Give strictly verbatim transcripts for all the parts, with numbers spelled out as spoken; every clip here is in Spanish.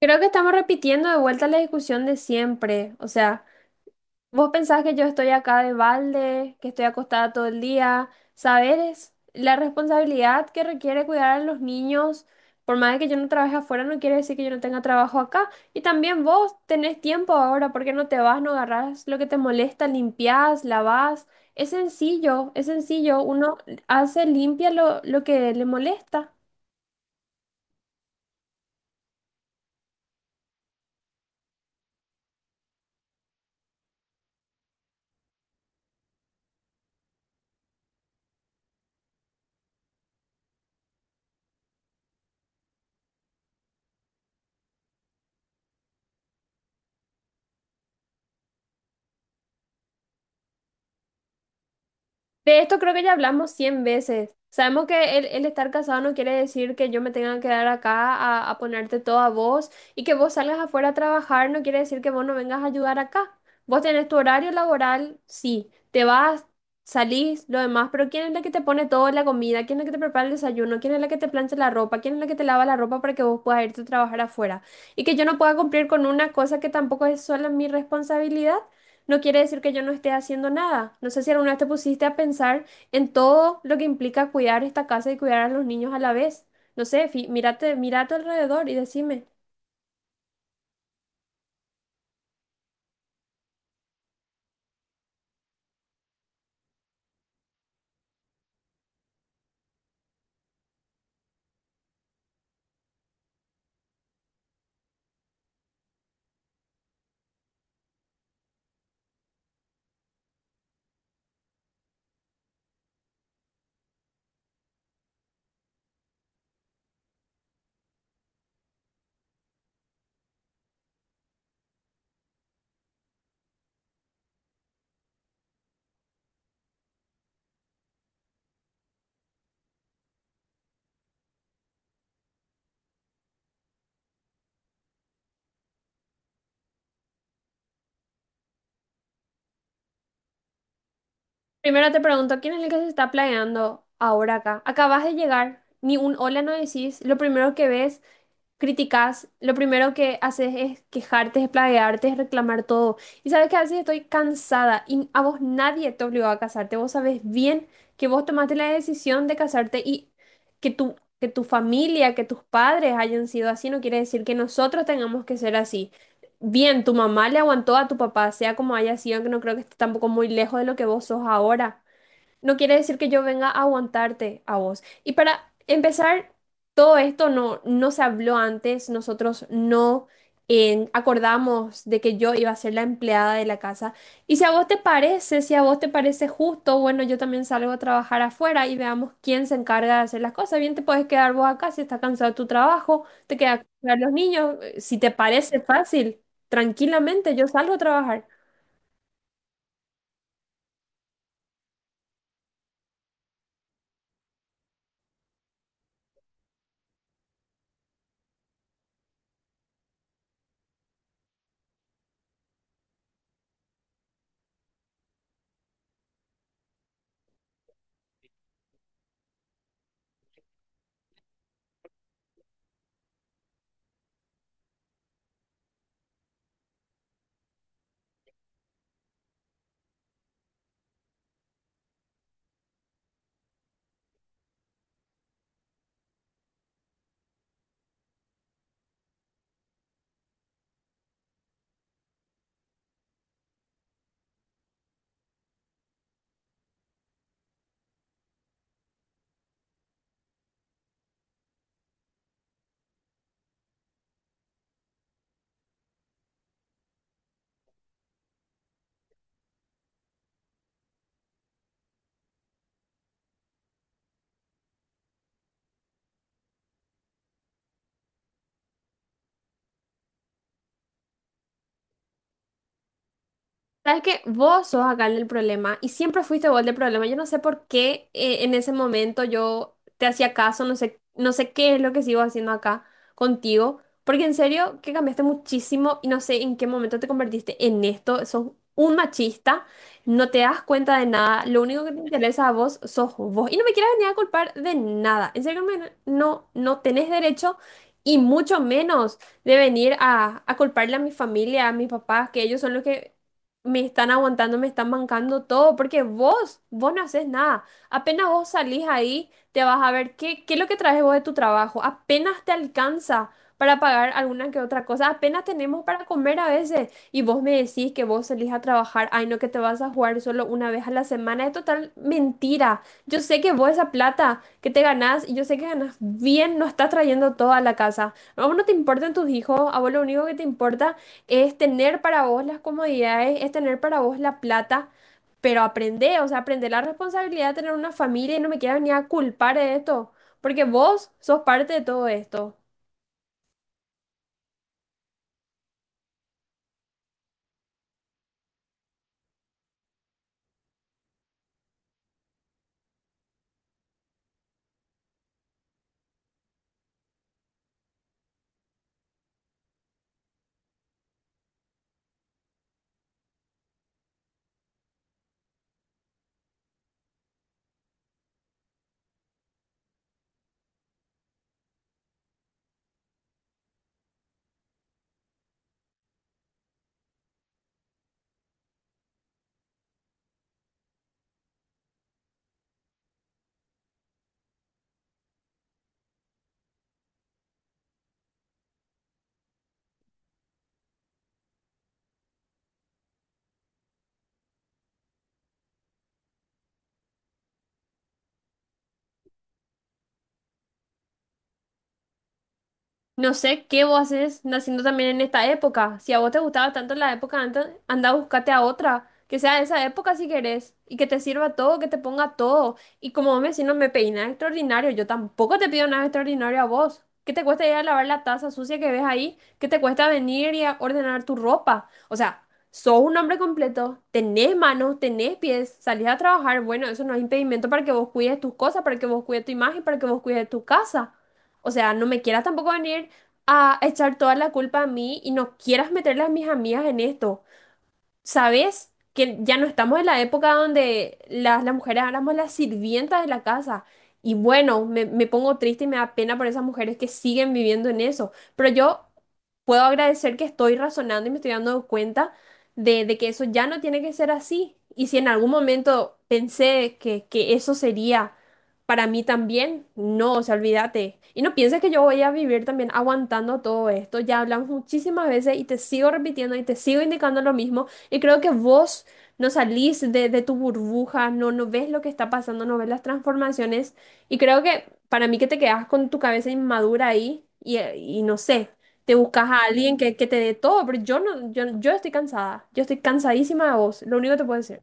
Creo que estamos repitiendo de vuelta la discusión de siempre. O sea, vos pensás que yo estoy acá de balde, que estoy acostada todo el día. Saber es la responsabilidad que requiere cuidar a los niños. Por más de que yo no trabaje afuera, no quiere decir que yo no tenga trabajo acá. Y también vos tenés tiempo ahora, ¿por qué no te vas, no agarrás lo que te molesta, limpiás, lavás? Es sencillo, es sencillo. Uno hace, limpia lo, lo que le molesta. De esto creo que ya hablamos cien veces. Sabemos que el, el estar casado no quiere decir que yo me tenga que quedar acá a, a ponerte todo a vos y que vos salgas afuera a trabajar no quiere decir que vos no vengas a ayudar acá. Vos tenés tu horario laboral, sí, te vas, salís, lo demás, pero ¿quién es la que te pone toda la comida? ¿Quién es la que te prepara el desayuno? ¿Quién es la que te plancha la ropa? ¿Quién es la que te lava la ropa para que vos puedas irte a trabajar afuera? Y que yo no pueda cumplir con una cosa que tampoco es sola mi responsabilidad no quiere decir que yo no esté haciendo nada. No sé si alguna vez te pusiste a pensar en todo lo que implica cuidar esta casa y cuidar a los niños a la vez. No sé, fi- mírate, mira a tu alrededor y decime. Primero te pregunto, ¿quién es el que se está planeando ahora acá? Acabas de llegar, ni un hola no decís, lo primero que ves criticas, lo primero que haces es quejarte, es plaguearte, es reclamar todo. Y sabes que a veces estoy cansada y a vos nadie te obligó a casarte. Vos sabes bien que vos tomaste la decisión de casarte y que tu, que tu familia, que tus padres hayan sido así, no quiere decir que nosotros tengamos que ser así. Bien, tu mamá le aguantó a tu papá, sea como haya sido, que no creo que esté tampoco muy lejos de lo que vos sos ahora no quiere decir que yo venga a aguantarte a vos. Y para empezar, todo esto no, no se habló antes, nosotros no eh, acordamos de que yo iba a ser la empleada de la casa. Y si a vos te parece, si a vos te parece justo, bueno, yo también salgo a trabajar afuera y veamos quién se encarga de hacer las cosas. Bien, te puedes quedar vos acá si estás cansado de tu trabajo, te quedas a cuidar los niños. eh, Si te parece fácil, tranquilamente yo salgo a trabajar. Sabes que vos sos acá el del problema y siempre fuiste vos el del problema. Yo no sé por qué eh, en ese momento yo te hacía caso, no sé, no sé qué es lo que sigo haciendo acá contigo, porque en serio que cambiaste muchísimo y no sé en qué momento te convertiste en esto. Sos un machista, no te das cuenta de nada, lo único que te interesa a vos sos vos y no me quieras venir a culpar de nada. En serio, me- no, no tenés derecho y mucho menos de venir a, a culparle a mi familia, a mis papás, que ellos son los que me están aguantando, me están bancando todo, porque vos, vos no haces nada. Apenas vos salís ahí, te vas a ver qué, qué es lo que traes vos de tu trabajo. Apenas te alcanza para pagar alguna que otra cosa. Apenas tenemos para comer a veces. Y vos me decís que vos salís a trabajar, ay no, que te vas a jugar solo una vez a la semana. Es total mentira. Yo sé que vos esa plata que te ganás, y yo sé que ganás bien, no estás trayendo todo a la casa. A vos no te importan tus hijos, a vos lo único que te importa es tener para vos las comodidades, es tener para vos la plata, pero aprende, o sea, aprende la responsabilidad de tener una familia y no me quieras ni a culpar de esto, porque vos sos parte de todo esto. No sé qué vos haces naciendo también en esta época. Si a vos te gustaba tanto la época antes, anda, a buscarte a otra. Que sea de esa época si querés. Y que te sirva todo, que te ponga todo. Y como vos me decís, no me pedís nada extraordinario. Yo tampoco te pido nada extraordinario a vos. ¿Qué te cuesta ir a lavar la taza sucia que ves ahí? ¿Qué te cuesta venir y a ordenar tu ropa? O sea, sos un hombre completo. Tenés manos, tenés pies. Salís a trabajar. Bueno, eso no es impedimento para que vos cuides tus cosas, para que vos cuides tu imagen, para que vos cuides tu casa. O sea, no me quieras tampoco venir a echar toda la culpa a mí y no quieras meterle a mis amigas en esto. ¿Sabes? Que ya no estamos en la época donde las, las mujeres éramos las sirvientas de la casa. Y bueno, me, me pongo triste y me da pena por esas mujeres que siguen viviendo en eso. Pero yo puedo agradecer que estoy razonando y me estoy dando cuenta de, de que eso ya no tiene que ser así. Y si en algún momento pensé que, que eso sería para mí también, no, o sea, olvídate. Y no pienses que yo voy a vivir también aguantando todo esto. Ya hablamos muchísimas veces y te sigo repitiendo y te sigo indicando lo mismo. Y creo que vos no salís de, de tu burbuja, no, no ves lo que está pasando, no ves las transformaciones. Y creo que para mí que te quedas con tu cabeza inmadura ahí y, y no sé, te buscas a alguien que, que te dé todo, pero yo no, yo, yo estoy cansada, yo estoy cansadísima de vos, lo único que te puedo decir.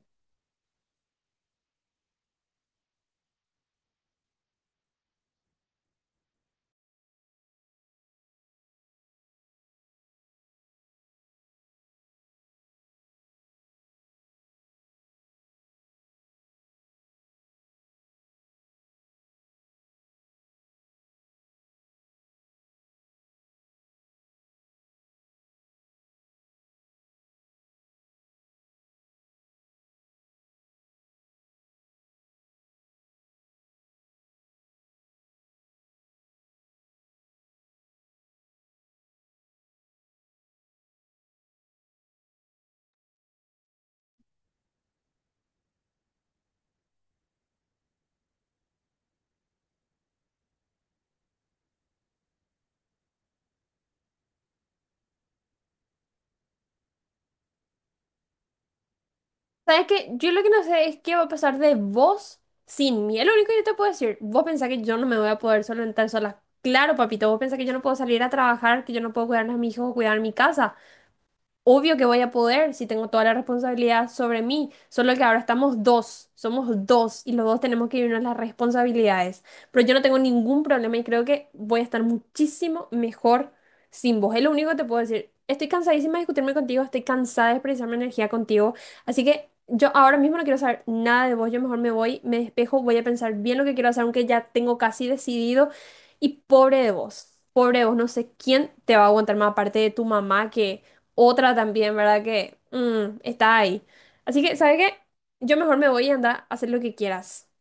¿Sabes qué? Yo lo que no sé es qué va a pasar de vos sin mí. Es lo único que yo te puedo decir. Vos pensás que yo no me voy a poder solventar sola. Claro, papito, vos pensás que yo no puedo salir a trabajar, que yo no puedo cuidar a mis hijos o cuidar mi casa. Obvio que voy a poder si tengo toda la responsabilidad sobre mí, solo que ahora estamos dos, somos dos y los dos tenemos que irnos las responsabilidades. Pero yo no tengo ningún problema y creo que voy a estar muchísimo mejor sin vos. Es lo único que te puedo decir. Estoy cansadísima de discutirme contigo, estoy cansada de expresar mi energía contigo, así que yo ahora mismo no quiero saber nada de vos, yo mejor me voy, me despejo, voy a pensar bien lo que quiero hacer, aunque ya tengo casi decidido y pobre de vos, pobre de vos, no sé quién te va a aguantar más aparte de tu mamá que otra también, ¿verdad? Que mm, está ahí. Así que, ¿sabes qué? Yo mejor me voy y anda a hacer lo que quieras.